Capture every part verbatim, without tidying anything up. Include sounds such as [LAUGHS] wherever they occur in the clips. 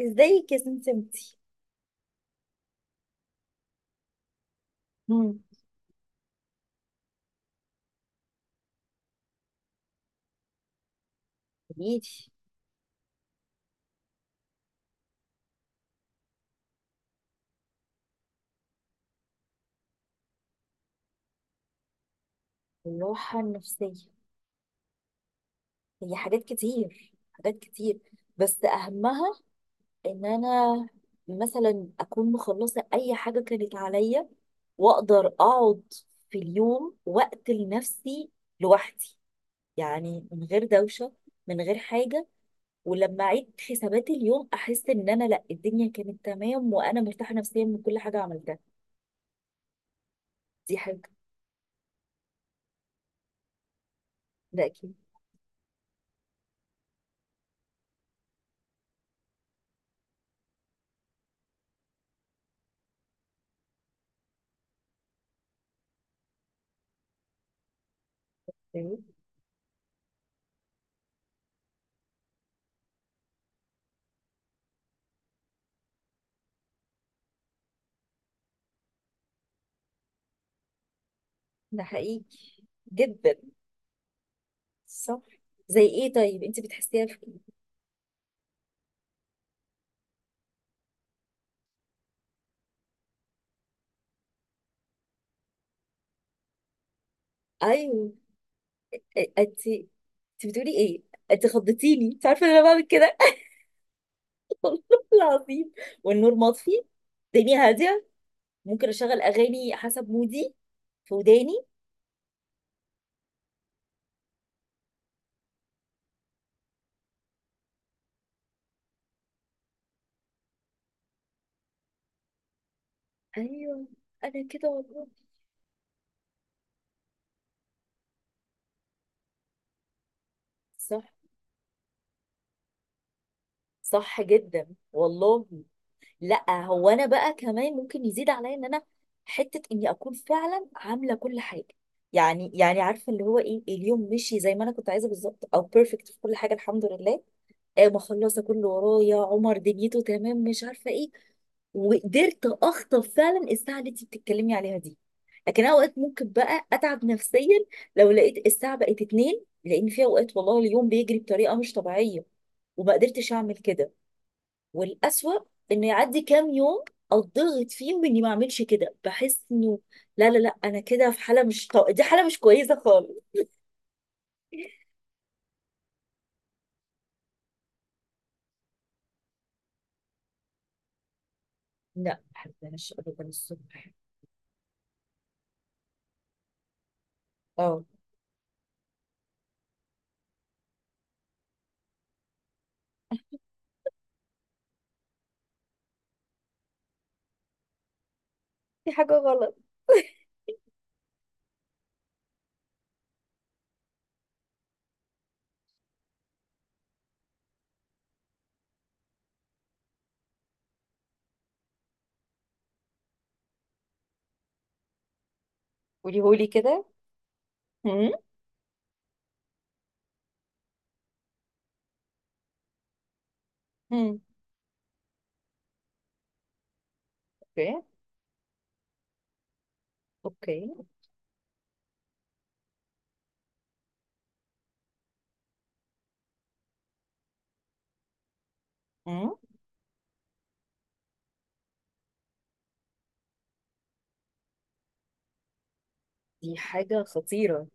ازيك يا سمسمتي. مم. قوليلي. الراحة النفسية هي حاجات كتير، حاجات كتير بس أهمها إن أنا مثلا أكون مخلصة أي حاجة كانت عليا، وأقدر أقعد في اليوم وقت لنفسي لوحدي، يعني من غير دوشة، من غير حاجة. ولما أعيد حسابات اليوم أحس إن أنا لأ، الدنيا كانت تمام وأنا مرتاحة نفسيا من كل حاجة عملتها. دي حاجة، ده أكيد. ده حقيقي جدا، صح. زي ايه طيب؟ انت بتحسيها في إيه؟ ايوه. إيه- انت انت بتقولي ايه؟ انت خضتيني، انت عارفه ان انا بعمل كده. [LAUGHS] والله العظيم، والنور مطفي، الدنيا هاديه، ممكن اشغل اغاني حسب مودي في وداني. ايوه انا كده والله. صح، صح جدا والله. لا هو انا بقى كمان ممكن يزيد عليا ان انا حته اني اكون فعلا عامله كل حاجه، يعني يعني عارفه اللي هو ايه، اليوم مشي زي ما انا كنت عايزه بالظبط او بيرفكت في كل حاجه، الحمد لله. آه، مخلصه كله ورايا، عمر دنيته تمام مش عارفه ايه. وقدرت اخطف فعلا الساعه اللي انت بتتكلمي عليها دي. لكن أنا اوقات ممكن بقى اتعب نفسيا لو لقيت الساعه بقت اتنين، لان في اوقات والله اليوم بيجري بطريقه مش طبيعيه وما قدرتش اعمل كده. والأسوأ انه يعدي كام يوم اتضغط فيهم اني ما اعملش كده، بحس انه لا لا لا انا كده في حاله مش طو... دي حاله مش كويسه خالص. لا ما بحبهاش ابدا الصبح. اه، في حاجه غلط. [LAUGHS] قوليهولي كده. هم؟ هم. اوكي. اوكي. هم؟ دي حاجة خطيرة.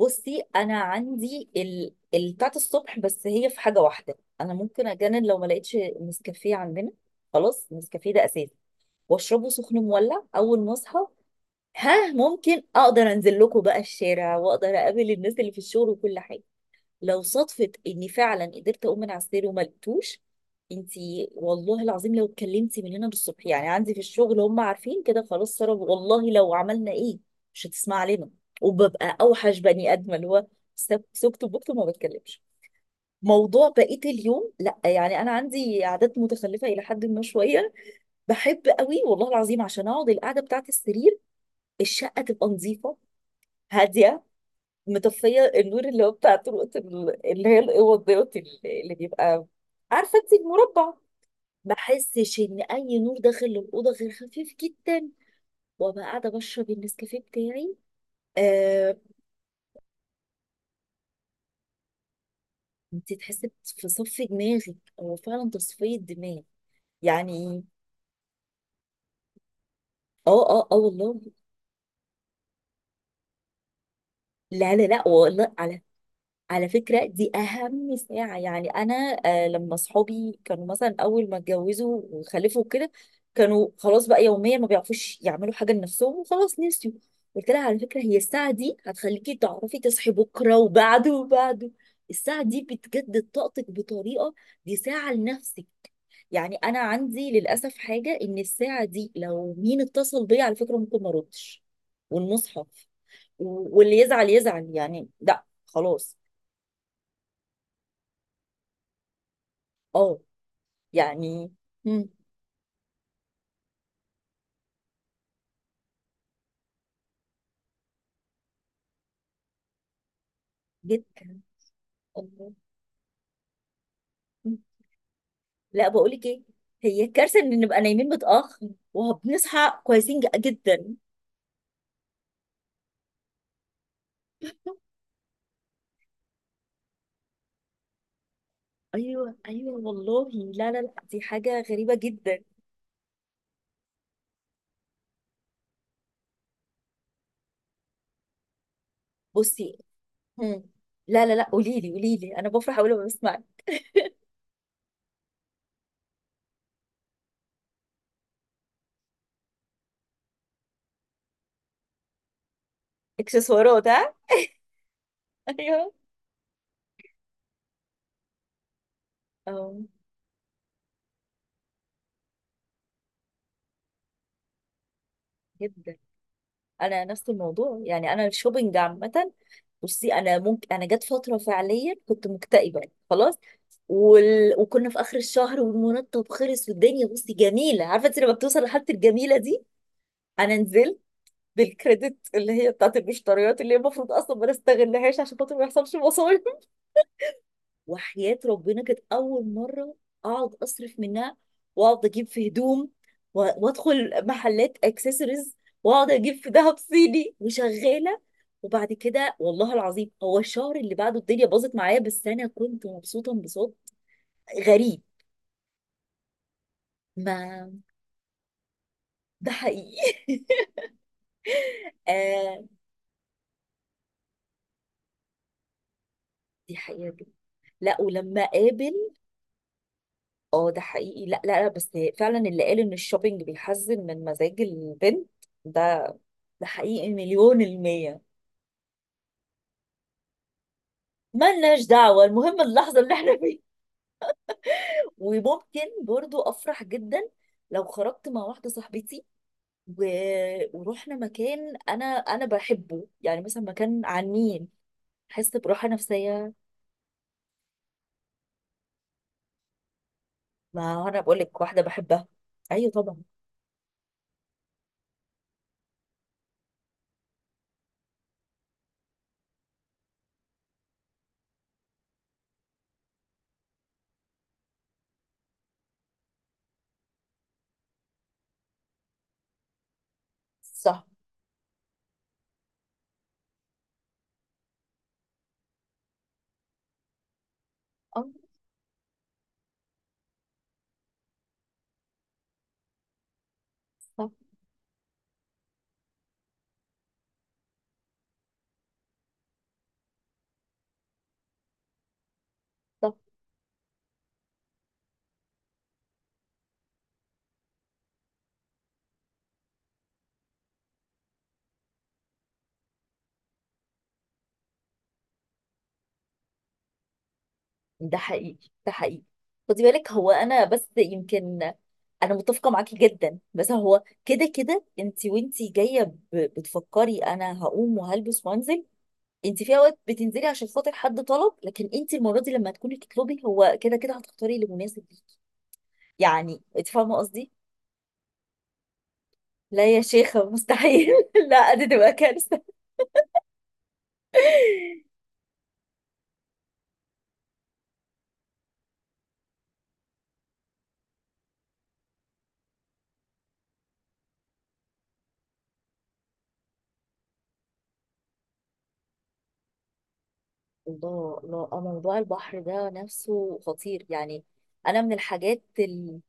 بصي انا عندي ال... ال- بتاعت الصبح، بس هي في حاجة واحدة. انا ممكن اجنن لو ما لقيتش نسكافيه عندنا. خلاص، نسكافيه ده اساسي، واشربه سخن مولع اول ما اصحى. ها، ممكن اقدر انزل لكم بقى الشارع واقدر اقابل الناس اللي في الشغل وكل حاجة. لو صدفة اني فعلا قدرت اقوم من على السرير وما لقيتوش، انتي والله العظيم لو اتكلمتي من هنا للصبح، يعني عندي في الشغل هم عارفين كده، خلاص سارة والله لو عملنا ايه مش هتسمع لنا، وببقى اوحش بني ادمه، اللي هو سب- سكت بكت وما بتكلمش. موضوع بقية اليوم، لا يعني انا عندي عادات متخلفة الى حد ما شوية. بحب قوي والله العظيم عشان اقعد القعدة بتاعت السرير، الشقة تبقى نظيفة هادية، مطفيه النور اللي هو بتاع طرقه ال- اللي هي الاوض دوت، اللي اللي بيبقى عارفه انت المربع، ما احسش ان اي نور داخل الاوضه غير خفيف جدا، وابقى قاعده بشرب النسكافيه بتاعي. آه، انت تحسي في صف دماغك، هو فعلا تصفيه دماغ يعني. اه اه اه والله. لا لا لا والله. على على فكرة دي أهم ساعة. يعني أنا آه لما صحابي كانوا مثلا أول ما اتجوزوا وخلفوا كده، كانوا خلاص بقى يوميا ما بيعرفوش يعملوا حاجة لنفسهم، وخلاص نسيوا. قلت لها على فكرة هي الساعة دي هتخليكي تعرفي تصحي بكرة وبعده وبعده. الساعة دي بتجدد طاقتك بطريقة، دي ساعة لنفسك. يعني أنا عندي للأسف حاجة، إن الساعة دي لو مين اتصل بيا على فكرة ممكن ما أردش، والمصحف. و- واللي يزعل يزعل، يعني لا خلاص. اه يعني. مم. جدا، الله. مم. لا بقول لك ايه، هي كارثه ان نبقى نايمين متاخر وبنصحى كويسين ج- جدا. ايوه ايوه والله. لا لا لا دي حاجه غريبه جدا. بصي. مم. لا لا لا قولي لي، قولي لي، انا بفرح اول ما بسمع. اكسسوارات ها. [LAUGHS] ايوه. اه جدا. انا نفس الموضوع، يعني انا الشوبينج عامه. بصي انا ممكن، انا جت فتره فعليا كنت مكتئبه، خلاص، وال... وكنا في اخر الشهر والمرتب خلص والدنيا، بصي جميله عارفه انت لما بتوصل لحاله الجميله دي. انا نزلت بالكريدت اللي هي بتاعت المشتريات اللي هي المفروض اصلا ما نستغلهاش عشان خاطر ما يحصلش. وحياة ربنا كانت أول مرة أقعد أصرف منها، وأقعد أجيب في هدوم، و- وأدخل محلات أكسسوارز، وأقعد أجيب في دهب صيني وشغالة. وبعد كده والله العظيم هو الشهر اللي بعده الدنيا باظت معايا، بس أنا كنت مبسوطة انبساط غريب. ما ده حقيقي. [LAUGHS] آه، دي حقيقة جدا. لا ولما قابل، اه ده حقيقي. لا لا لا بس فعلا اللي قال ان الشوبينج بيحزن من مزاج البنت، ده ده حقيقي مليون المية. ملناش دعوة، المهم اللحظة اللي احنا فيها. وممكن برضو أفرح جدا لو خرجت مع واحدة صاحبتي، و... ورحنا مكان أنا أنا بحبه، يعني مثلا مكان عن مين، أحس براحة نفسية. ما أنا بقول لك واحدة بحبها. أيوة طبعا. صح. آه، صح. صح. ده حقيقي، ده حقيقي. خدي بالك هو أنا بس يمكن، أنا متفقة معاكي جدا بس هو كده كده أنت، وأنت جاية ب... بتفكري أنا هقوم وهلبس وأنزل. انت في اوقات بتنزلي عشان خاطر حد طلب، لكن انت المره دي لما تكوني تطلبي هو كده كده هتختاري اللي مناسب ليكي، يعني انت فاهمه قصدي. لا يا شيخه مستحيل. [LAUGHS] لا دي تبقى كارثه. الله الله. آه، موضوع البحر ده نفسه خطير يعني. انا من الحاجات ال-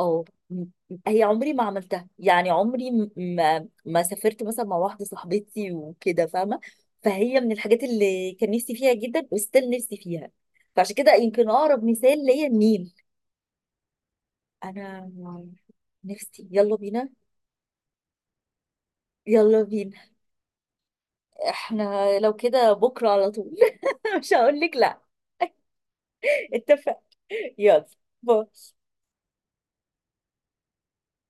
اه م- هي عمري ما عملتها، يعني عمري م- ما ما سافرت مثلا مع واحده صاحبتي وكده، فاهمه؟ فهي من الحاجات اللي كان نفسي فيها جدا، وستيل نفسي فيها. فعشان كده يمكن اقرب مثال ليا النيل. انا نفسي، يلا بينا. يلا بينا، احنا لو كده بكره على طول. [LAUGHS] مش هقول لك لا. [LAUGHS] اتفق. يلا، باي.